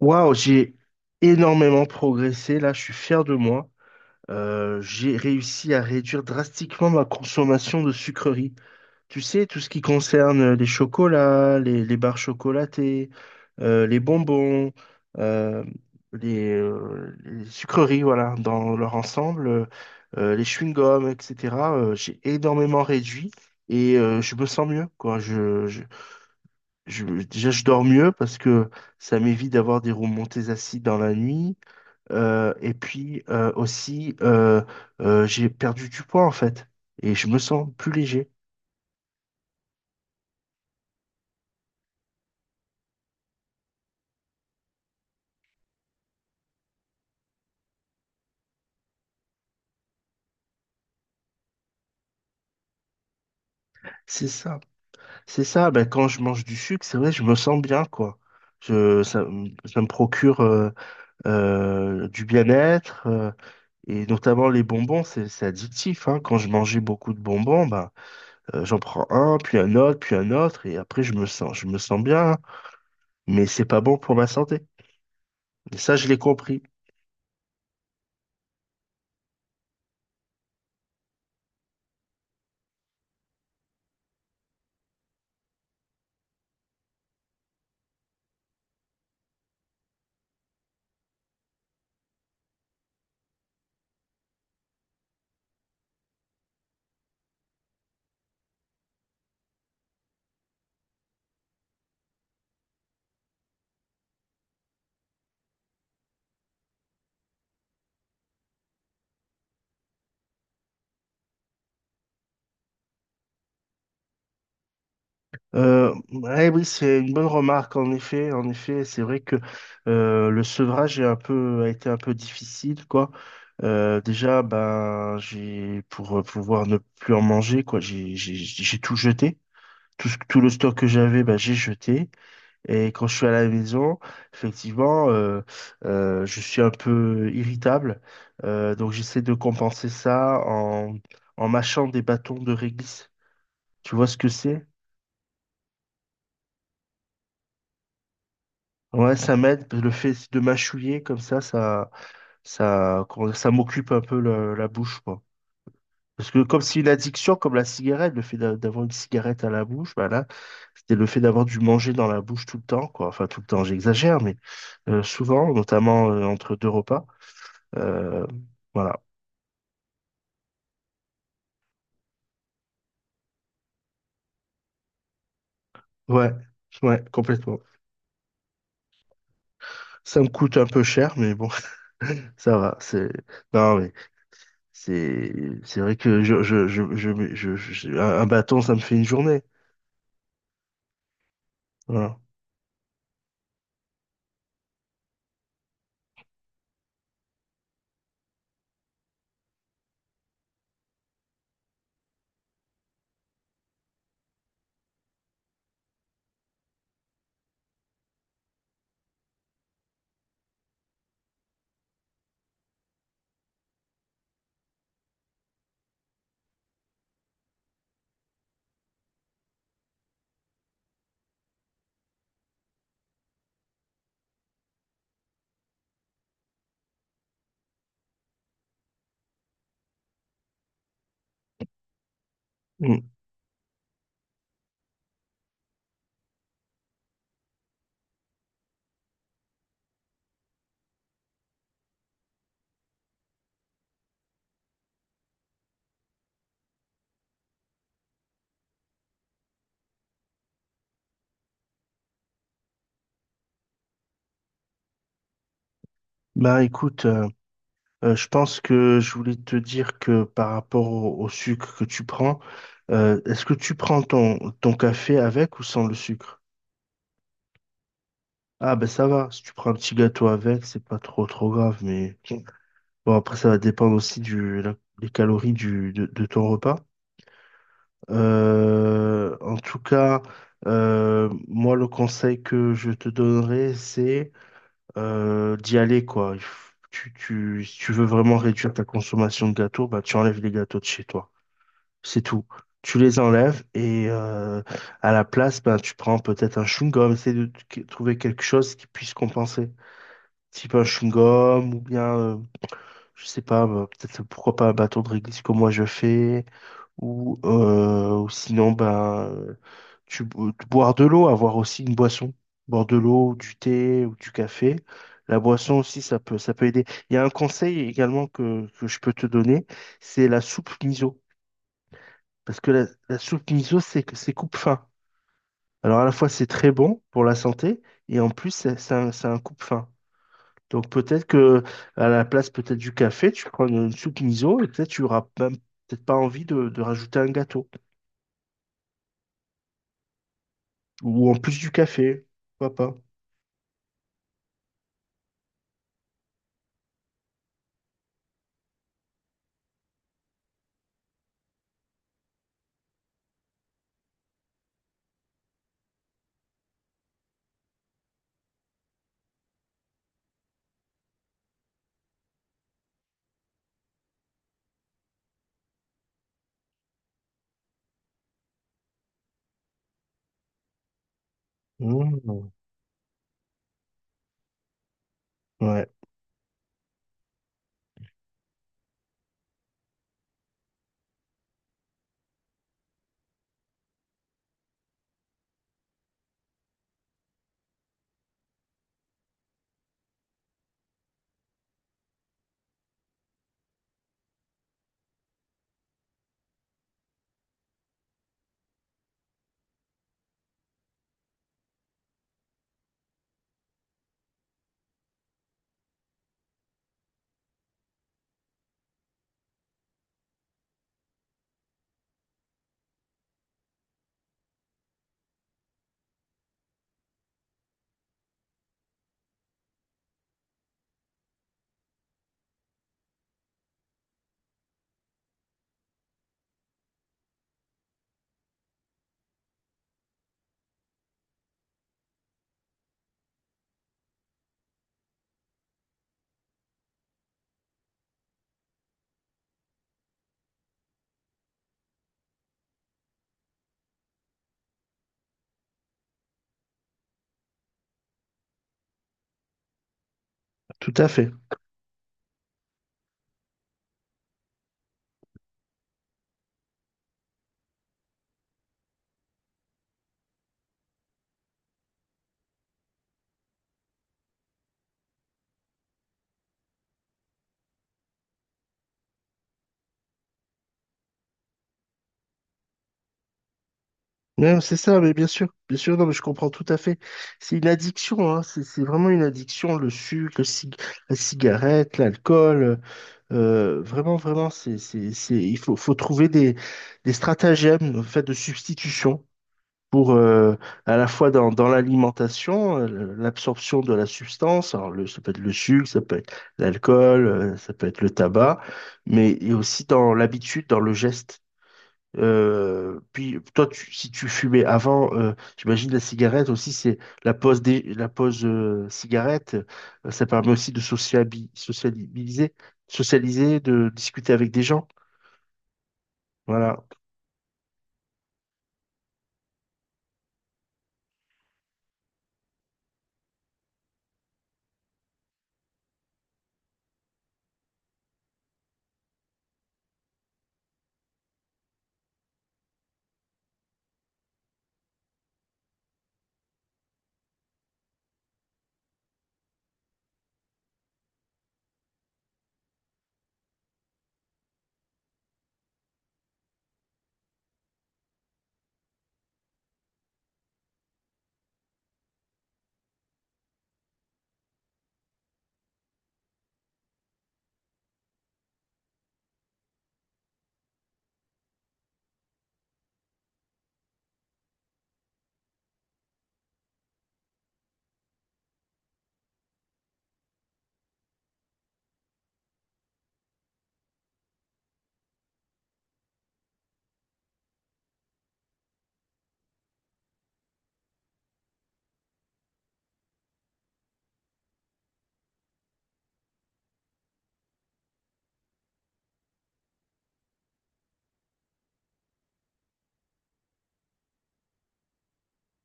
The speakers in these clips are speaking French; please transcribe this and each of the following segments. Waouh, j'ai énormément progressé. Là, je suis fier de moi. J'ai réussi à réduire drastiquement ma consommation de sucreries. Tu sais, tout ce qui concerne les chocolats, les barres chocolatées, les bonbons, euh, les sucreries, voilà, dans leur ensemble, les chewing-gums, etc. J'ai énormément réduit et je me sens mieux, quoi. Je, déjà, je dors mieux parce que ça m'évite d'avoir des remontées acides dans la nuit. Et puis aussi, j'ai perdu du poids en fait. Et je me sens plus léger. C'est ça. C'est ça. Ben, quand je mange du sucre, c'est vrai, je me sens bien, quoi. Je, ça, ça me procure du bien-être. Et notamment les bonbons, c'est addictif, hein. Quand je mangeais beaucoup de bonbons, ben, j'en prends un, puis un autre, puis un autre. Et après, je me sens bien, hein. Mais c'est pas bon pour ma santé. Et ça, je l'ai compris. Ouais, oui, c'est une bonne remarque. En effet, c'est vrai que le sevrage est un peu, a été un peu difficile, quoi. Déjà, ben, j'ai pour pouvoir ne plus en manger, quoi. J'ai tout jeté. Tout, tout le stock que j'avais, ben, j'ai jeté. Et quand je suis à la maison, effectivement, je suis un peu irritable. Donc, j'essaie de compenser ça en, en mâchant des bâtons de réglisse. Tu vois ce que c'est? Ouais, ça m'aide. Le fait de mâchouiller comme ça, comment dire, ça m'occupe un peu la bouche, quoi. Parce que comme c'est une addiction, comme la cigarette, le fait d'avoir une cigarette à la bouche, bah là, c'était le fait d'avoir du manger dans la bouche tout le temps, quoi. Enfin, tout le temps, j'exagère, mais souvent, notamment entre deux repas. Euh, voilà. Ouais, ouais, complètement. Ça me coûte un peu cher, mais bon, ça va. C'est non, mais C'est c'est vrai que un bâton, ça me fait une journée. Voilà. Mm. Bah écoute, je pense que je voulais te dire que par rapport au sucre que tu prends, est-ce que tu prends ton, ton café avec ou sans le sucre? Ah ben ça va, si tu prends un petit gâteau avec, c'est pas trop trop grave, mais bon après ça va dépendre aussi des calories de ton repas. En tout cas, moi le conseil que je te donnerais, c'est d'y aller, quoi. Tu, tu, si tu veux vraiment réduire ta consommation de gâteaux, bah, tu enlèves les gâteaux de chez toi. C'est tout. Tu les enlèves et à la place, bah, tu prends peut-être un chewing-gum. Essaye de trouver quelque chose qui puisse compenser. Type un chewing-gum ou bien je sais pas, bah, peut-être pourquoi pas un bâton de réglisse comme moi je fais, ou sinon, ben, tu, boire de l'eau, avoir aussi une boisson, boire de l'eau, du thé ou du café. La boisson aussi, ça peut aider. Il y a un conseil également que je peux te donner, c'est la soupe miso. Parce que la soupe miso, c'est que c'est coupe-faim. Alors à la fois, c'est très bon pour la santé, et en plus, c'est un coupe-faim. Donc peut-être que à la place peut-être du café, tu prends une soupe miso et peut-être tu auras même peut-être pas envie de rajouter un gâteau. Ou en plus du café, pourquoi pas. Mmh. Ouais, tout à fait. Non, c'est ça, mais bien sûr, non, mais je comprends tout à fait. C'est une addiction, hein, c'est vraiment une addiction, le sucre, la cigarette, l'alcool. Vraiment, vraiment, il faut, faut trouver des stratagèmes, en fait, de substitution, pour à la fois dans, dans l'alimentation, l'absorption de la substance, alors le, ça peut être le sucre, ça peut être l'alcool, ça peut être le tabac, mais et aussi dans l'habitude, dans le geste. Puis toi, si tu fumais avant, j'imagine la cigarette aussi, c'est la pause cigarette, ça permet aussi sociabiliser, socialiser, de discuter avec des gens. Voilà.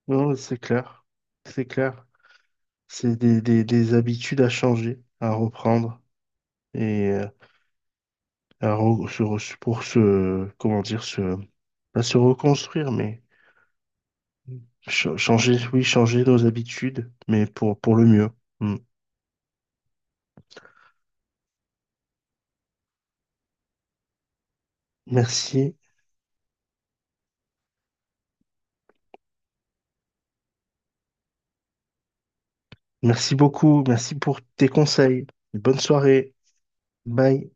Non, c'est clair, c'est clair. C'est des, des habitudes à changer, à reprendre et à re- se re- pour comment dire, se, pas se reconstruire, mais changer, oui, changer nos habitudes, mais pour le mieux. Mm. Merci. Merci beaucoup. Merci pour tes conseils. Bonne soirée. Bye.